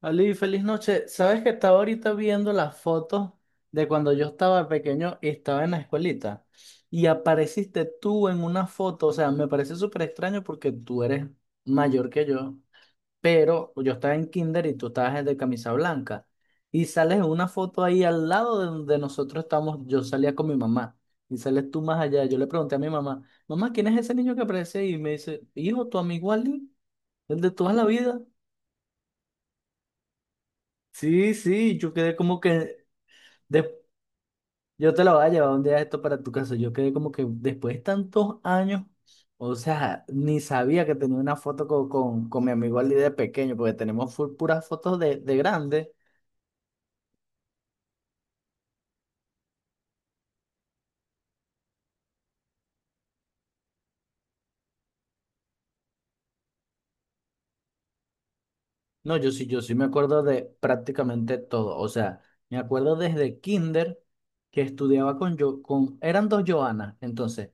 Ali, feliz noche. ¿Sabes que estaba ahorita viendo las fotos de cuando yo estaba pequeño y estaba en la escuelita? Y apareciste tú en una foto, o sea, me parece súper extraño porque tú eres mayor que yo, pero yo estaba en kinder y tú estabas de camisa blanca. Y sales en una foto ahí al lado de donde nosotros estamos, yo salía con mi mamá. Y sales tú más allá. Yo le pregunté a mi mamá, mamá, ¿quién es ese niño que aparece ahí? Y me dice, hijo, tu amigo Ali, el de toda la vida. Sí, sí, yo quedé como que Des- yo te la voy a llevar un día esto para tu casa. Yo quedé como que después de tantos años, o sea, ni sabía que tenía una foto con mi amigo Ali de pequeño, porque tenemos full puras fotos de grande. No, yo sí, yo sí me acuerdo de prácticamente todo. O sea, me acuerdo desde kinder que estudiaba con yo, con, eran dos Joanas. Entonces,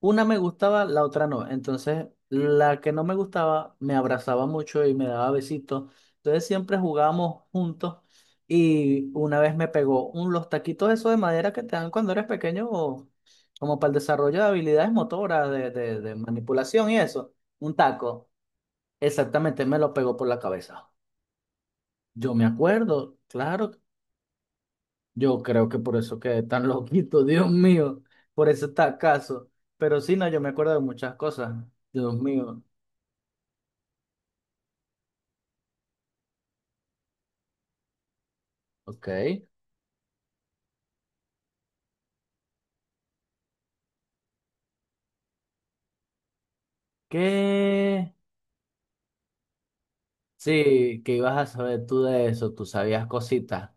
una me gustaba, la otra no. Entonces, la que no me gustaba me abrazaba mucho y me daba besitos. Entonces, siempre jugábamos juntos. Y una vez me pegó un, los taquitos esos de madera que te dan cuando eres pequeño, o como para el desarrollo de habilidades motoras, de manipulación y eso. Un taco. Exactamente, me lo pegó por la cabeza. Yo me acuerdo, claro, yo creo que por eso quedé tan loquito, Dios mío, por eso está acaso. Pero sí, no, yo me acuerdo de muchas cosas, Dios mío. Ok. ¿Qué? Sí, que ibas a saber tú de eso, tú sabías cositas,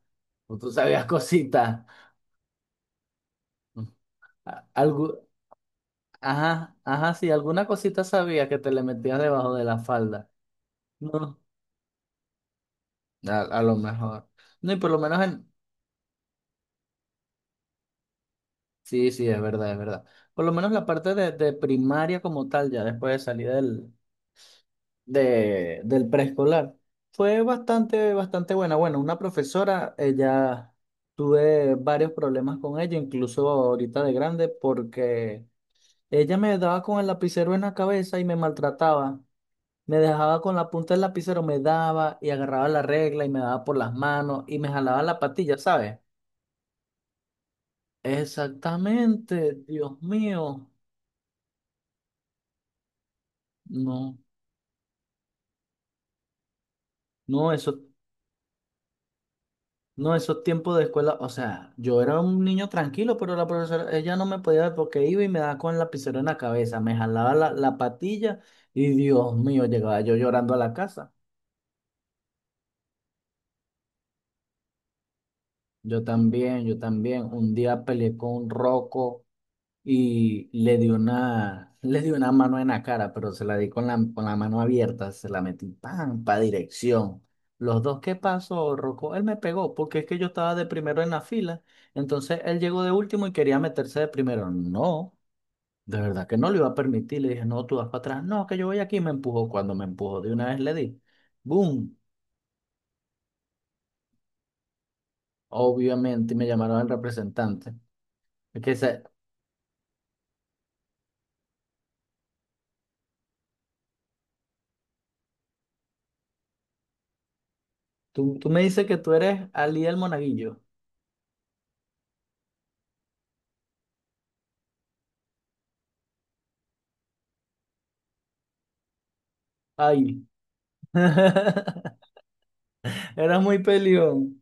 o tú sabías cositas. Algo, ajá, ajá, sí, alguna cosita sabía que te le metías debajo de la falda. No, a lo mejor. No, y por lo menos en, sí, sí, es verdad, es verdad. Por lo menos la parte de primaria como tal, ya después de salir del preescolar, fue bastante, bastante buena. Bueno, una profesora, ella tuve varios problemas con ella, incluso ahorita de grande, porque ella me daba con el lapicero en la cabeza y me maltrataba. Me dejaba con la punta del lapicero, me daba y agarraba la regla y me daba por las manos y me jalaba la patilla, ¿sabes? Exactamente, Dios mío, no. No, eso, no, esos tiempos de escuela, o sea, yo era un niño tranquilo, pero la profesora, ella no me podía ver porque iba y me daba con el lapicero en la cabeza, me jalaba la patilla y Dios mío, llegaba yo llorando a la casa. Yo también, un día peleé con un roco. Y le dio una, le dio una mano en la cara, pero se la di con con la mano abierta, se la metí, ¡pam!, pa' dirección. Los dos, ¿qué pasó, Rocco? Él me pegó, porque es que yo estaba de primero en la fila, entonces él llegó de último y quería meterse de primero. No, de verdad que no lo iba a permitir, le dije, no, tú vas para atrás, no, que yo voy aquí, y me empujó, cuando me empujó, de una vez le di, ¡boom! Obviamente me llamaron al representante. Es que se- tú me dices que tú eres Ali el Monaguillo. Ay. Eras muy peleón.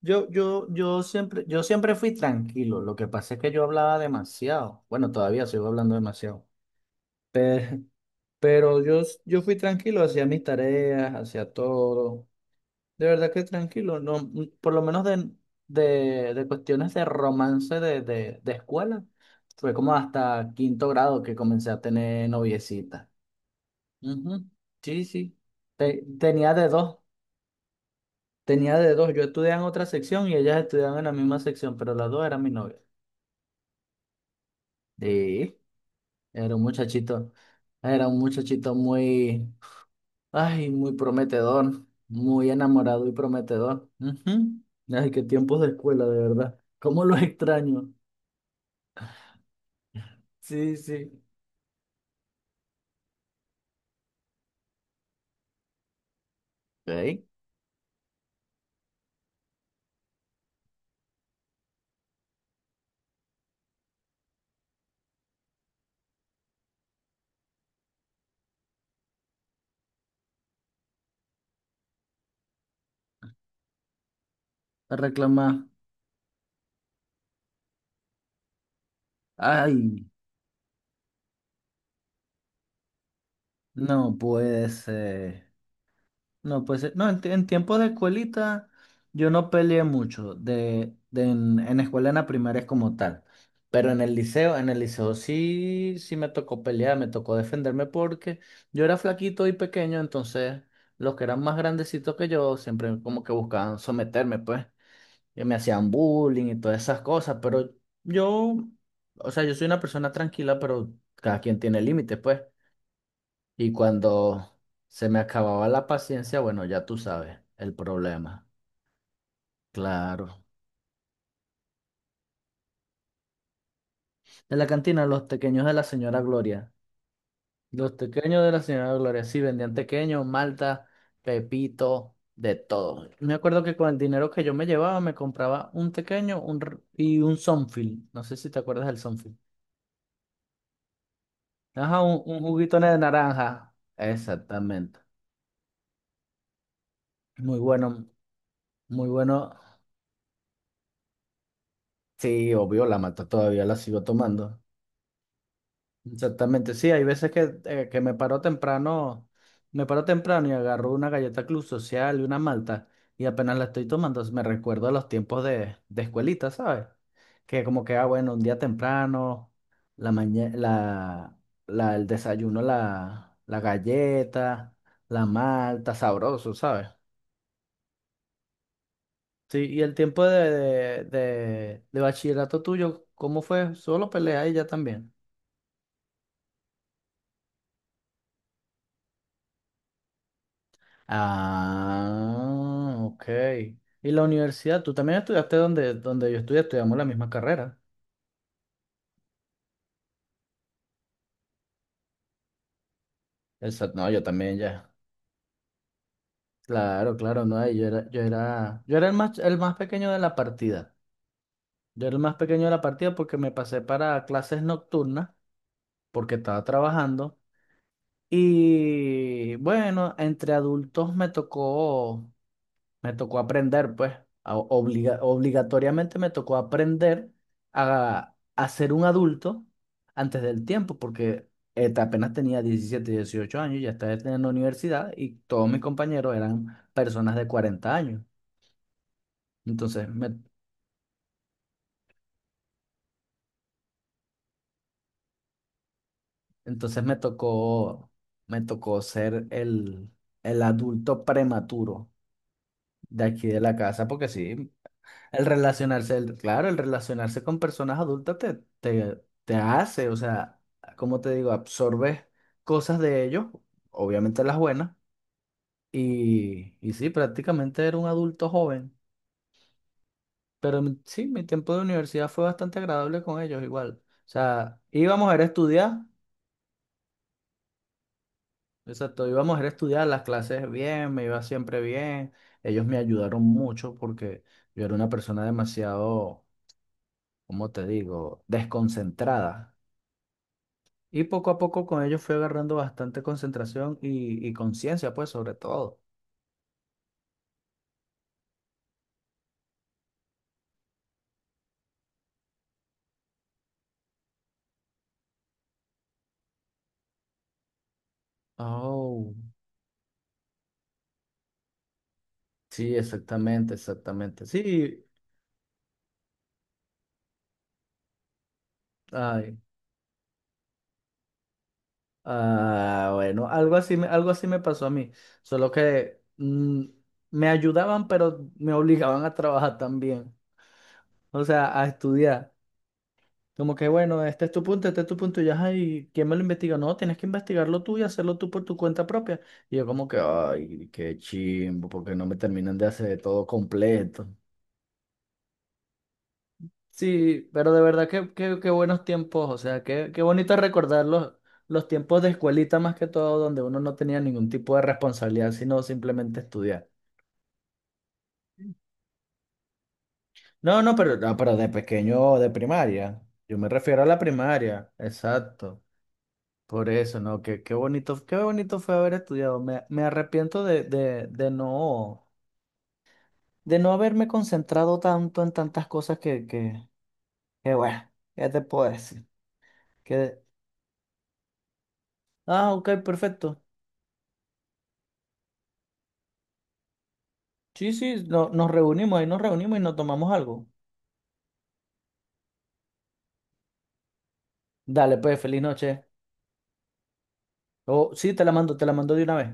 Yo siempre fui tranquilo. Lo que pasa es que yo hablaba demasiado. Bueno, todavía sigo hablando demasiado. Pero, pero yo fui tranquilo, hacía mis tareas, hacía todo. De verdad que tranquilo. No, por lo menos de cuestiones de romance de escuela. Fue como hasta quinto grado que comencé a tener noviecita. Ujú. Sí, sí. Tenía de dos. Tenía de dos, yo estudiaba en otra sección y ellas estudiaban en la misma sección, pero las dos eran mi novia. Sí, era un muchachito, era un muchachito muy, ay, muy prometedor, muy enamorado y prometedor. Ujú. Ay, qué tiempos de escuela, de verdad. ¿Cómo los extraño? Sí, sí. Ok. A reclamar. Ay, no puede ser. No, pues no, en tiempo de escuelita yo no peleé mucho en escuela en la primaria como tal. Pero en el liceo sí, sí me tocó pelear, me tocó defenderme porque yo era flaquito y pequeño, entonces los que eran más grandecitos que yo siempre como que buscaban someterme, pues, y me hacían bullying y todas esas cosas, pero yo, o sea, yo soy una persona tranquila, pero cada quien tiene límites, pues. Y cuando se me acababa la paciencia, bueno, ya tú sabes el problema. Claro. En la cantina, los tequeños de la señora Gloria. Los tequeños de la señora Gloria, sí, vendían tequeños, malta, pepito, de todo. Me acuerdo que con el dinero que yo me llevaba, me compraba un tequeño y un Sonfil. No sé si te acuerdas del Sonfil. Ajá, un juguito de naranja. Exactamente. Muy bueno, muy bueno. Sí, obvio, la mata todavía la sigo tomando. Exactamente, sí, hay veces que me paro temprano y agarro una galleta Club Social y una malta y apenas la estoy tomando me recuerdo los tiempos de escuelita, ¿sabes? Que como que, ah, bueno, un día temprano, la mañana, el desayuno, la galleta, la malta, sabroso, ¿sabes? Sí, y el tiempo de bachillerato tuyo, ¿cómo fue? ¿Solo peleas y ya también? Ah, ok. ¿Y la universidad? ¿Tú también estudiaste donde, donde yo estudié? Estudiamos la misma carrera. Exacto. No, yo también ya. Claro, claro, no. Y yo era el más pequeño de la partida. Yo era el más pequeño de la partida porque me pasé para clases nocturnas, porque estaba trabajando. Y bueno, entre adultos me tocó. Me tocó aprender, pues, obligatoriamente me tocó aprender a ser un adulto antes del tiempo, porque apenas tenía 17 o 18 años, ya estaba en la universidad y todos mis compañeros eran personas de 40 años. Entonces me, entonces me tocó ser el adulto prematuro de aquí de la casa, porque sí. El relacionarse, el- claro, el relacionarse con personas adultas te hace, o sea, como te digo, absorbes cosas de ellos, obviamente las buenas, y sí, prácticamente era un adulto joven, pero sí, mi tiempo de universidad fue bastante agradable con ellos igual. O sea, íbamos a ir a estudiar, exacto, íbamos a ir a estudiar las clases bien, me iba siempre bien, ellos me ayudaron mucho porque yo era una persona demasiado, ¿cómo te digo?, desconcentrada. Y poco a poco con ello fui agarrando bastante concentración y conciencia, pues, sobre todo. Oh, sí, exactamente, exactamente. Sí, ay, ah, bueno, algo así, algo así me pasó a mí, solo que me ayudaban, pero me obligaban a trabajar también, o sea, a estudiar. Como que, bueno, este es tu punto, este es tu punto, y ya, ay, ¿quién me lo investiga? No, tienes que investigarlo tú y hacerlo tú por tu cuenta propia. Y yo como que, ay, qué chimbo, porque no me terminan de hacer todo completo. Sí, pero de verdad que qué, qué buenos tiempos, o sea, qué, qué bonito recordar los tiempos de escuelita más que todo, donde uno no tenía ningún tipo de responsabilidad, sino simplemente estudiar. No, no, pero, no, pero de pequeño, de primaria. Yo me refiero a la primaria, exacto. Por eso, ¿no? Qué, qué bonito fue haber estudiado. Me arrepiento de no haberme concentrado tanto en tantas cosas que bueno, ¿qué te puedo decir? Que, ah, ok, perfecto. Sí, sí, nos reunimos, ahí nos reunimos y nos tomamos algo. Dale, pues, feliz noche. O sí, te la mando de una vez.